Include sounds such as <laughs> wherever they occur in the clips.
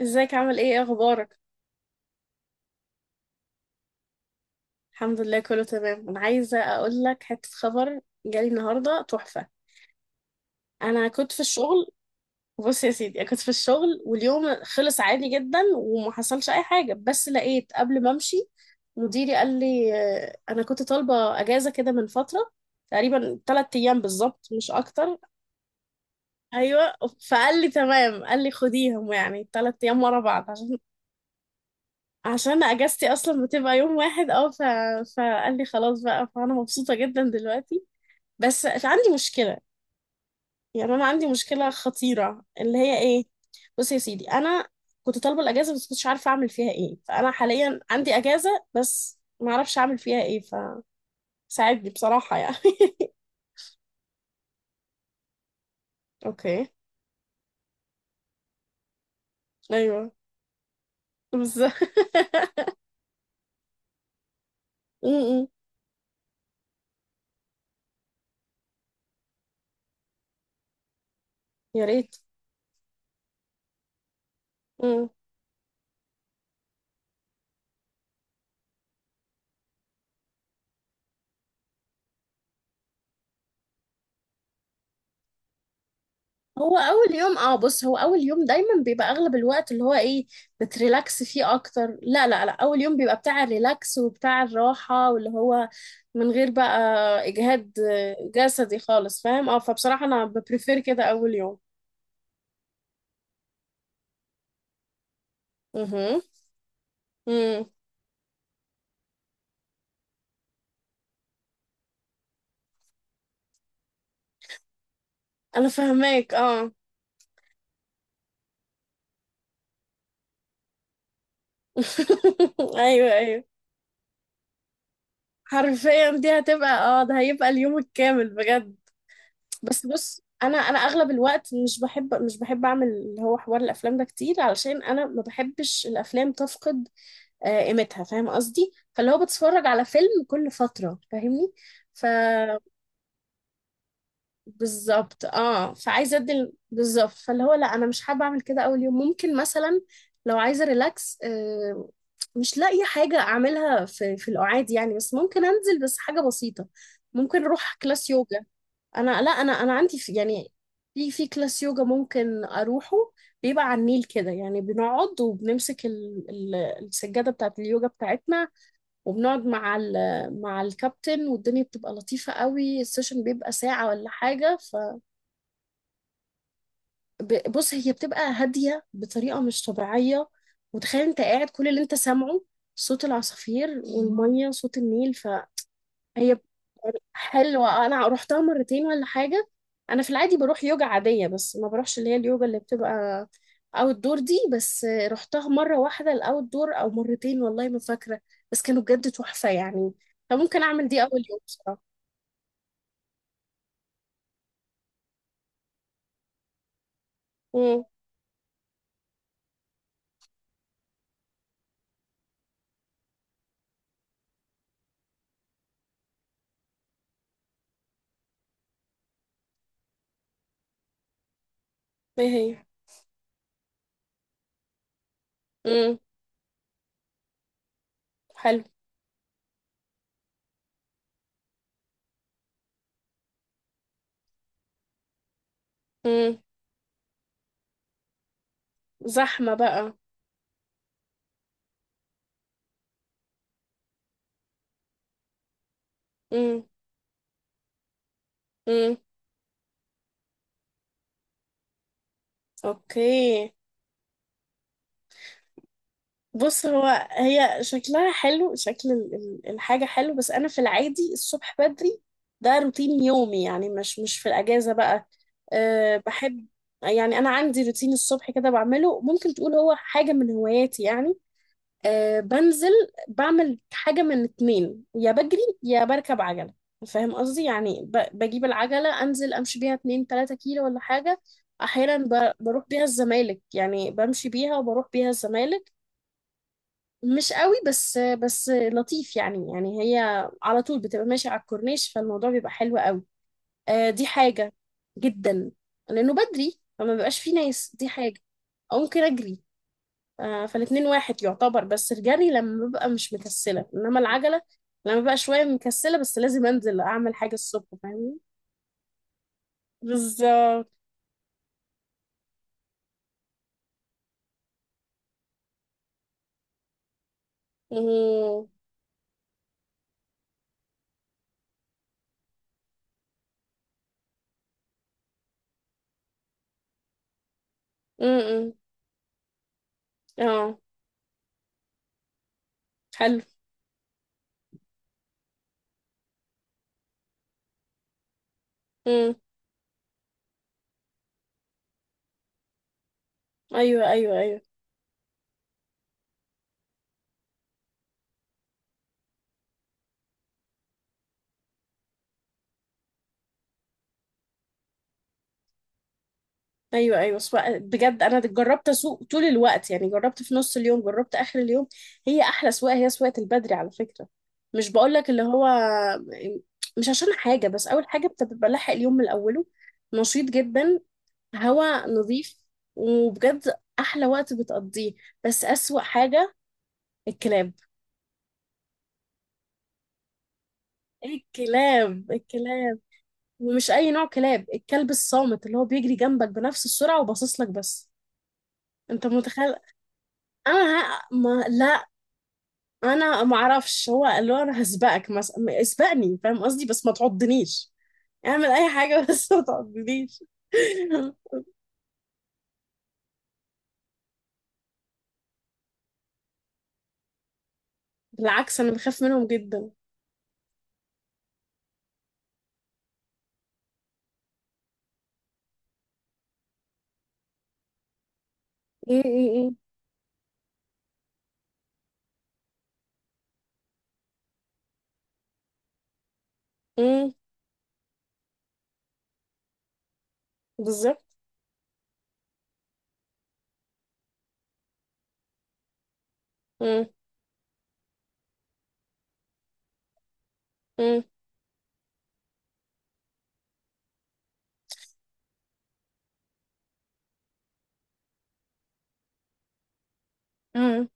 ازيك؟ عامل ايه اخبارك؟ الحمد لله، كله تمام. انا عايزه اقول لك حته خبر جالي النهارده تحفه. انا كنت في الشغل. بص يا سيدي، انا كنت في الشغل واليوم خلص عادي جدا وما حصلش اي حاجه، بس لقيت قبل ما امشي. مديري قال لي، انا كنت طالبه اجازه كده من فتره، تقريبا 3 ايام بالظبط، مش اكتر. ايوه، فقال لي تمام، قال لي خديهم يعني 3 ايام ورا بعض عشان اجازتي اصلا بتبقى يوم واحد، فقال لي خلاص بقى، فانا مبسوطه جدا دلوقتي. بس عندي مشكله، يعني انا عندي مشكله خطيره، اللي هي ايه؟ بص يا سيدي، انا كنت طالبه الاجازه بس كنتش عارفه اعمل فيها ايه، فانا حاليا عندي اجازه بس ما اعرفش اعمل فيها ايه. فساعدني بصراحه يعني. <laughs> اوكي. ايوه، بالظبط. <laughs> م- م. يا ريت. هو اول يوم، بص، هو اول يوم دايما بيبقى اغلب الوقت اللي هو ايه، بتريلاكس فيه اكتر. لا لا لا، اول يوم بيبقى بتاع الريلاكس وبتاع الراحة، واللي هو من غير بقى اجهاد جسدي خالص، فاهم؟ اه، فبصراحة انا ببريفير كده اول يوم. امم. انا فاهماك اه. <laughs> ايوه، ايوه، حرفيا دي هتبقى، اه ده هيبقى اليوم الكامل بجد. بس بص، انا اغلب الوقت مش بحب اعمل اللي هو حوار الافلام ده كتير، علشان انا ما بحبش الافلام تفقد قيمتها، فاهم قصدي؟ فاللي هو بتفرج على فيلم كل فتره، فاهمني؟ ف بالظبط، فعايزه بالظبط، فاللي هو لا، انا مش حابه اعمل كده اول يوم. ممكن مثلا لو عايزه ريلاكس، مش لاقيه حاجه اعملها في القعاد يعني، بس ممكن انزل بس حاجه بسيطه، ممكن اروح كلاس يوجا. انا، لا، انا عندي في، يعني في كلاس يوجا ممكن اروحه، بيبقى على النيل كده، يعني بنقعد وبنمسك السجاده بتاعت اليوجا بتاعتنا، وبنقعد مع الكابتن والدنيا بتبقى لطيفه قوي، السيشن بيبقى ساعه ولا حاجه. فبص، هي بتبقى هاديه بطريقه مش طبيعيه، وتخيل انت قاعد كل اللي انت سامعه، صوت العصافير والميه، صوت النيل. هي حلوة، أنا روحتها مرتين ولا حاجة. أنا في العادي بروح يوجا عادية، بس ما بروحش اللي هي اليوجا اللي بتبقى أوت دور، دي بس روحتها مرة واحدة الأوت دور، أو مرتين، والله ما فاكرة، بس كانوا بجد تحفة يعني. فممكن أعمل دي أول يوم بصراحة. امم. إيه هي؟ امم. حلو. امم. زحمة بقى. امم. امم. أوكي. بص، هو هي شكلها حلو، شكل الحاجة حلو، بس أنا في العادي الصبح بدري، ده روتين يومي يعني، مش مش في الأجازة بقى. أه، بحب، يعني أنا عندي روتين الصبح كده بعمله، ممكن تقول هو حاجة من هواياتي يعني. أه، بنزل بعمل حاجة من اتنين، يا بجري يا بركب عجلة، فاهم قصدي؟ يعني بجيب العجلة أنزل أمشي بيها 2 3 كيلو ولا حاجة. أحيانا بروح بيها الزمالك، يعني بمشي بيها وبروح بيها الزمالك، مش قوي بس، بس لطيف يعني، يعني هي على طول بتبقى ماشية على الكورنيش، فالموضوع بيبقى حلو قوي. آه، دي حاجة جدا، لأنه بدري فما بيبقاش فيه ناس، دي حاجة. أو ممكن أجري. آه، فالاتنين واحد يعتبر، بس الجري لما ببقى مش مكسلة، إنما العجلة لما ببقى شوية مكسلة، بس لازم أنزل أعمل حاجة الصبح، فاهمين؟ بالظبط. مم. مم. اه. حلو. مم. أيوه، أيوه، أيوه، ايوه، ايوه، بجد انا جربت اسوق طول الوقت، يعني جربت في نص اليوم، جربت اخر اليوم، هي احلى سواقه، هي سواقه البدري على فكره. مش بقول لك اللي هو مش عشان حاجه، بس اول حاجه بتبقى لاحق اليوم من اوله، نشيط جدا، هوا نظيف، وبجد احلى وقت بتقضيه. بس اسوأ حاجه الكلاب. الكلاب، الكلاب، ومش اي نوع كلاب، الكلب الصامت اللي هو بيجري جنبك بنفس السرعه وباصص لك بس. انت متخيل؟ انا ه... ما... لا، انا ما اعرفش، هو اللي هو انا هسبقك مثلا، اسبقني، فاهم قصدي؟ بس ما تعضنيش، اعمل اي حاجه <laughs> بس ما تعضنيش. بالعكس، انا بخاف منهم جدا. م- م- م. م. بالظبط. م- م- م.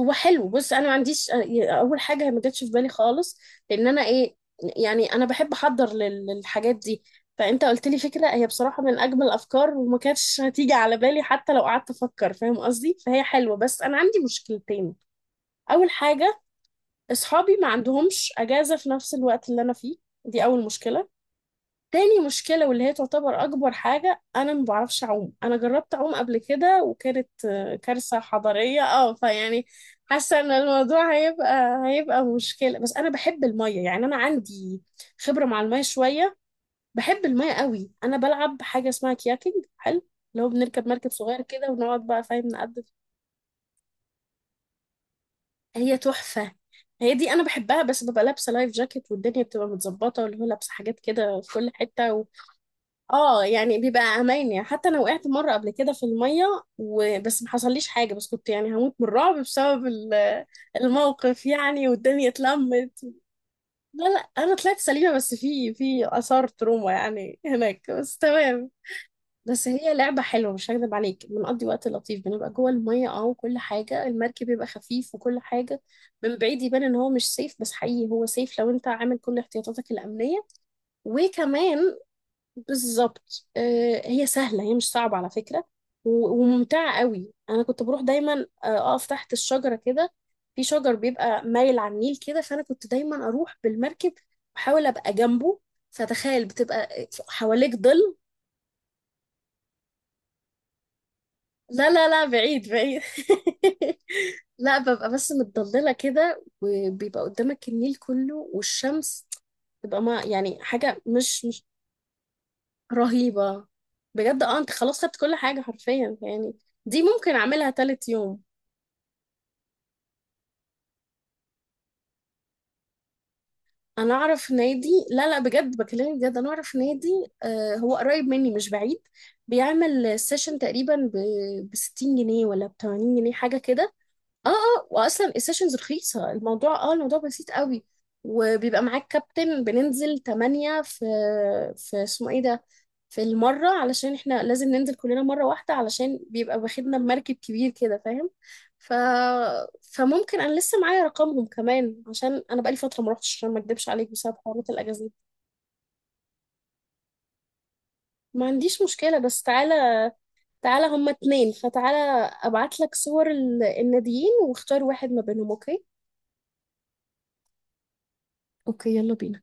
هو حلو، بص انا ما عنديش، اول حاجه ما جاتش في بالي خالص، لان انا ايه؟ يعني انا بحب احضر للحاجات دي، فانت قلت لي فكره هي بصراحه من اجمل الافكار، وما كانتش هتيجي على بالي حتى لو قعدت افكر، فاهم قصدي؟ فهي حلوه، بس انا عندي مشكلتين. اول حاجه، اصحابي ما عندهمش اجازه في نفس الوقت اللي انا فيه، دي اول مشكله. تاني مشكله واللي هي تعتبر اكبر حاجه، انا ما بعرفش اعوم. انا جربت اعوم قبل كده وكانت كارثه حضاريه، فيعني حاسه ان الموضوع هيبقى مشكله، بس انا بحب الميه يعني، انا عندي خبره مع الميه شويه، بحب الميه قوي. انا بلعب حاجه اسمها كياكينج، حلو، اللي هو بنركب مركب صغير كده ونقعد بقى، فاهم؟ نقدم. هي تحفة، هي دي أنا بحبها، بس ببقى لابسة لايف جاكيت والدنيا بتبقى متظبطة، واللي هو لابسة حاجات كده في كل حتة اه، يعني بيبقى أمان، يعني حتى أنا وقعت مرة قبل كده في المية، وبس ما حصليش حاجة، بس كنت يعني هموت من الرعب بسبب الموقف يعني، والدنيا اتلمت. لا لا، أنا طلعت سليمة، بس في آثار تروما يعني هناك، بس تمام. بس هي لعبة حلوة، مش هكدب عليك، بنقضي وقت لطيف، بنبقى جوه المية وكل حاجة، المركب بيبقى خفيف وكل حاجة، من بعيد يبان ان هو مش سيف، بس حقيقي هو سيف لو انت عامل كل احتياطاتك الأمنية، وكمان بالظبط. هي سهلة، هي مش صعبة على فكرة، وممتعة قوي. انا كنت بروح دايما اقف تحت الشجرة كده، في شجر بيبقى مايل على النيل كده، فانا كنت دايما اروح بالمركب واحاول ابقى جنبه، فتخيل بتبقى حواليك ظل. لا لا لا، بعيد، بعيد. <laughs> لا، ببقى بس متضللة كده، وبيبقى قدامك النيل كله والشمس، تبقى ما يعني حاجة مش رهيبة. بجد اه، انت خلاص خدت كل حاجة حرفيا يعني، دي ممكن اعملها تالت يوم. انا اعرف نادي، لا لا، بجد بكلمك بجد، انا اعرف نادي، آه هو قريب مني مش بعيد، بيعمل سيشن تقريبا ب 60 جنيه ولا ب 80 جنيه حاجة كده. اه، اه، واصلا السيشنز رخيصه، الموضوع بسيط قوي، وبيبقى معاك كابتن. بننزل 8 في اسمه ايه ده؟ في المره، علشان احنا لازم ننزل كلنا مره واحده، علشان بيبقى واخدنا بمركب كبير كده، فاهم؟ ف فممكن انا لسه معايا رقمهم كمان، عشان انا بقالي فتره ما روحتش، عشان ما اكدبش عليك بسبب حوارات الاجازات. ما عنديش مشكله، بس تعالى، تعالى هما اتنين، فتعالى ابعت لك صور الناديين واختار واحد ما بينهم، اوكي؟ اوكي، يلا بينا.